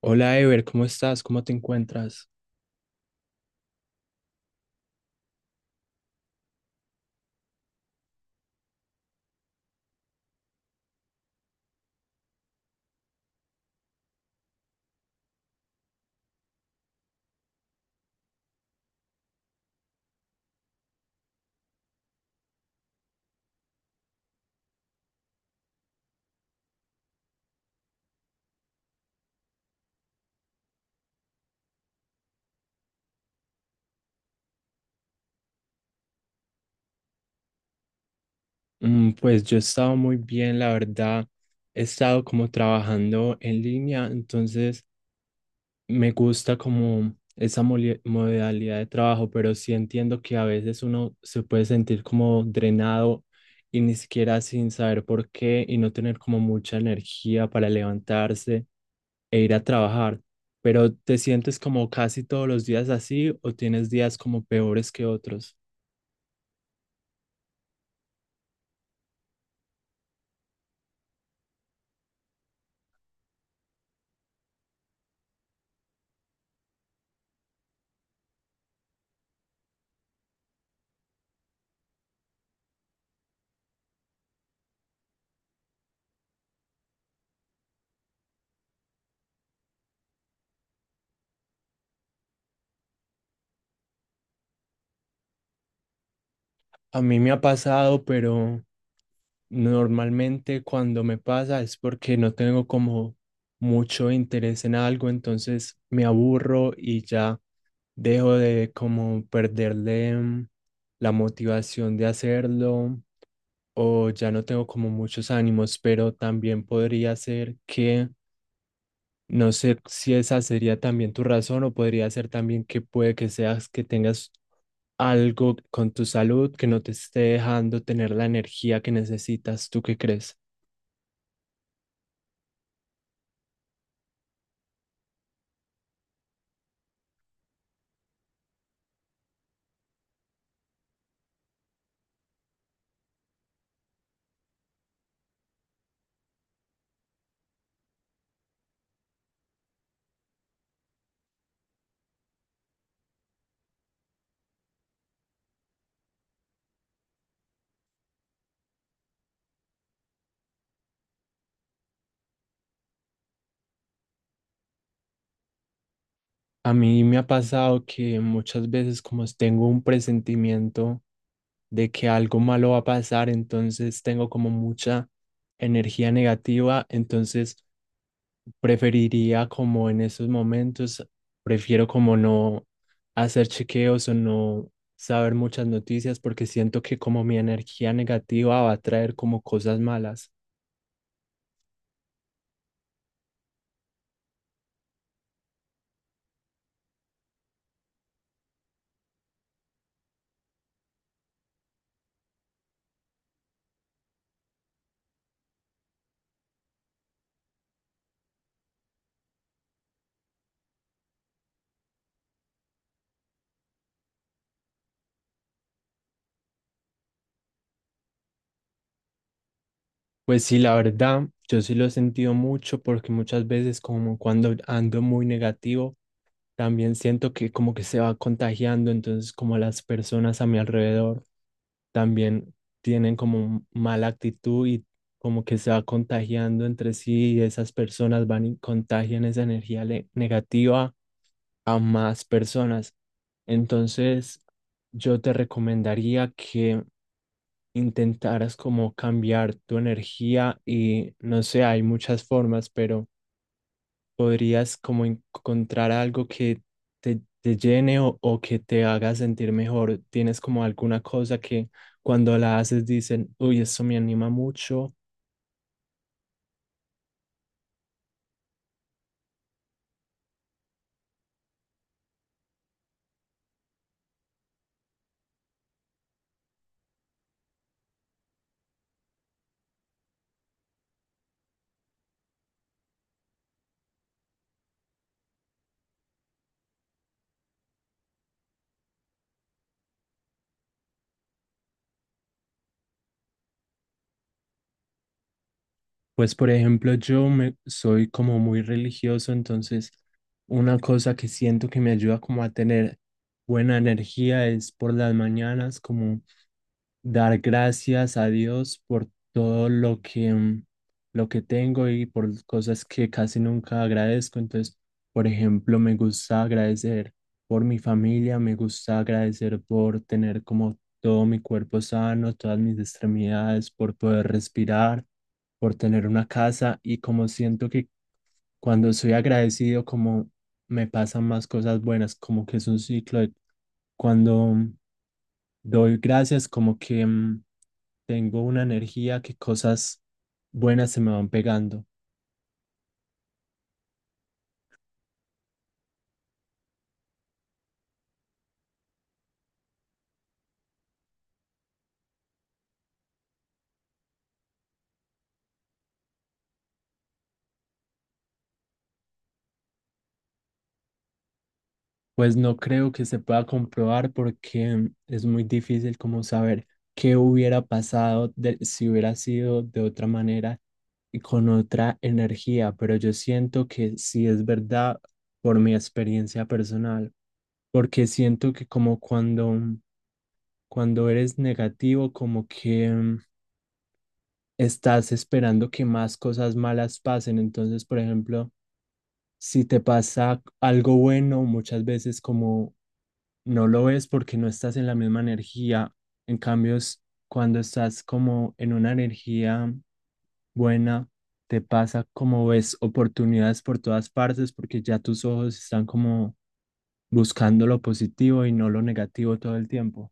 Hola Ever, ¿cómo estás? ¿Cómo te encuentras? Pues yo he estado muy bien, la verdad. He estado como trabajando en línea, entonces me gusta como esa modalidad de trabajo, pero sí entiendo que a veces uno se puede sentir como drenado y ni siquiera sin saber por qué y no tener como mucha energía para levantarse e ir a trabajar. Pero ¿te sientes como casi todos los días así o tienes días como peores que otros? A mí me ha pasado, pero normalmente cuando me pasa es porque no tengo como mucho interés en algo, entonces me aburro y ya dejo de como perderle la motivación de hacerlo o ya no tengo como muchos ánimos, pero también podría ser que no sé si esa sería también tu razón o podría ser también que puede que seas que tengas algo con tu salud que no te esté dejando tener la energía que necesitas. ¿Tú qué crees? A mí me ha pasado que muchas veces como tengo un presentimiento de que algo malo va a pasar, entonces tengo como mucha energía negativa, entonces preferiría como en esos momentos, prefiero como no hacer chequeos o no saber muchas noticias porque siento que como mi energía negativa va a traer como cosas malas. Pues sí, la verdad, yo sí lo he sentido mucho porque muchas veces como cuando ando muy negativo, también siento que como que se va contagiando, entonces como las personas a mi alrededor también tienen como mala actitud y como que se va contagiando entre sí y esas personas van y contagian esa energía negativa a más personas. Entonces, yo te recomendaría que intentaras como cambiar tu energía y no sé, hay muchas formas, pero podrías como encontrar algo que te llene o que te haga sentir mejor. ¿Tienes como alguna cosa que cuando la haces dicen, uy, esto me anima mucho? Pues por ejemplo, yo me, soy como muy religioso, entonces una cosa que siento que me ayuda como a tener buena energía es por las mañanas, como dar gracias a Dios por todo lo que, lo que tengo y por cosas que casi nunca agradezco. Entonces, por ejemplo, me gusta agradecer por mi familia, me gusta agradecer por tener como todo mi cuerpo sano, todas mis extremidades, por poder respirar, por tener una casa y como siento que cuando soy agradecido, como me pasan más cosas buenas, como que es un ciclo de cuando doy gracias, como que tengo una energía que cosas buenas se me van pegando. Pues no creo que se pueda comprobar porque es muy difícil como saber qué hubiera pasado si hubiera sido de otra manera y con otra energía, pero yo siento que sí es verdad por mi experiencia personal, porque siento que como cuando eres negativo, como que estás esperando que más cosas malas pasen. Entonces, por ejemplo, si te pasa algo bueno, muchas veces como no lo ves porque no estás en la misma energía. En cambio, es cuando estás como en una energía buena, te pasa como ves oportunidades por todas partes porque ya tus ojos están como buscando lo positivo y no lo negativo todo el tiempo.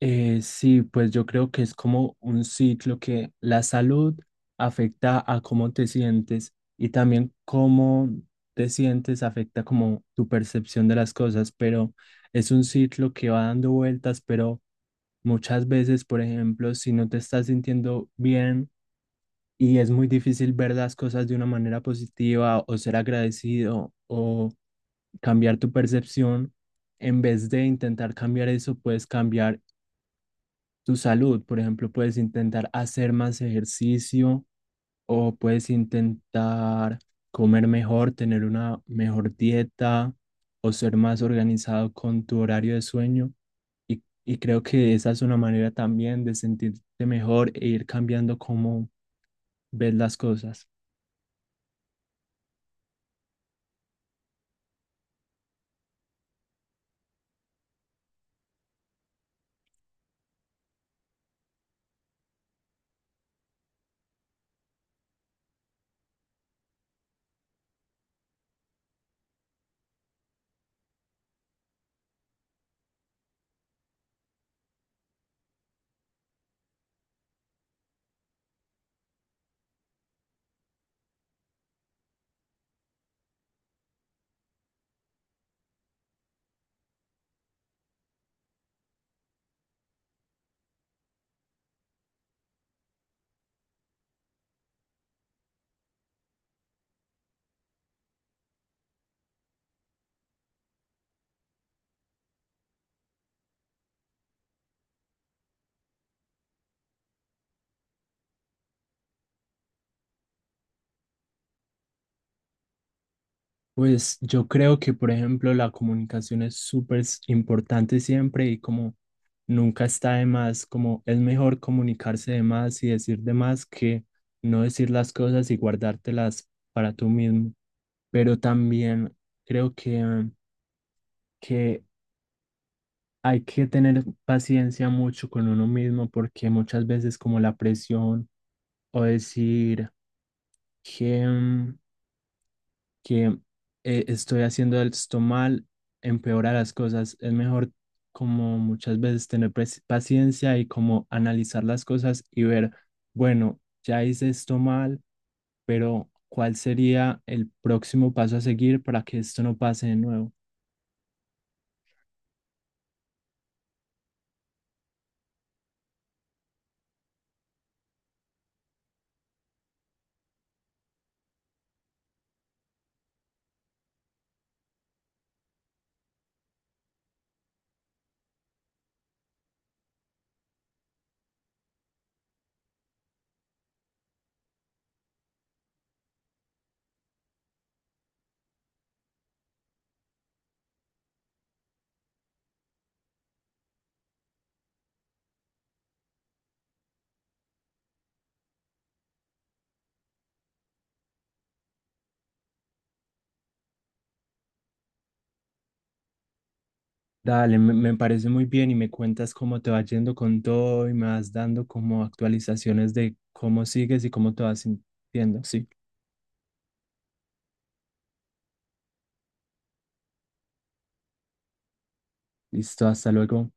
Sí, pues yo creo que es como un ciclo que la salud afecta a cómo te sientes y también cómo te sientes afecta como tu percepción de las cosas, pero es un ciclo que va dando vueltas, pero muchas veces, por ejemplo, si no te estás sintiendo bien y es muy difícil ver las cosas de una manera positiva o ser agradecido o cambiar tu percepción, en vez de intentar cambiar eso, puedes cambiar tu salud. Por ejemplo, puedes intentar hacer más ejercicio o puedes intentar comer mejor, tener una mejor dieta o ser más organizado con tu horario de sueño. Y creo que esa es una manera también de sentirte mejor e ir cambiando cómo ves las cosas. Pues yo creo que, por ejemplo, la comunicación es súper importante siempre y como nunca está de más, como es mejor comunicarse de más y decir de más que no decir las cosas y guardártelas para tú mismo. Pero también creo que hay que tener paciencia mucho con uno mismo porque muchas veces como la presión o decir que... mm, que estoy haciendo esto mal, empeora las cosas. Es mejor como muchas veces tener paciencia y como analizar las cosas y ver, bueno, ya hice esto mal, pero ¿cuál sería el próximo paso a seguir para que esto no pase de nuevo? Dale, me parece muy bien y me cuentas cómo te va yendo con todo y me vas dando como actualizaciones de cómo sigues y cómo te vas sintiendo. Sí, listo, hasta luego.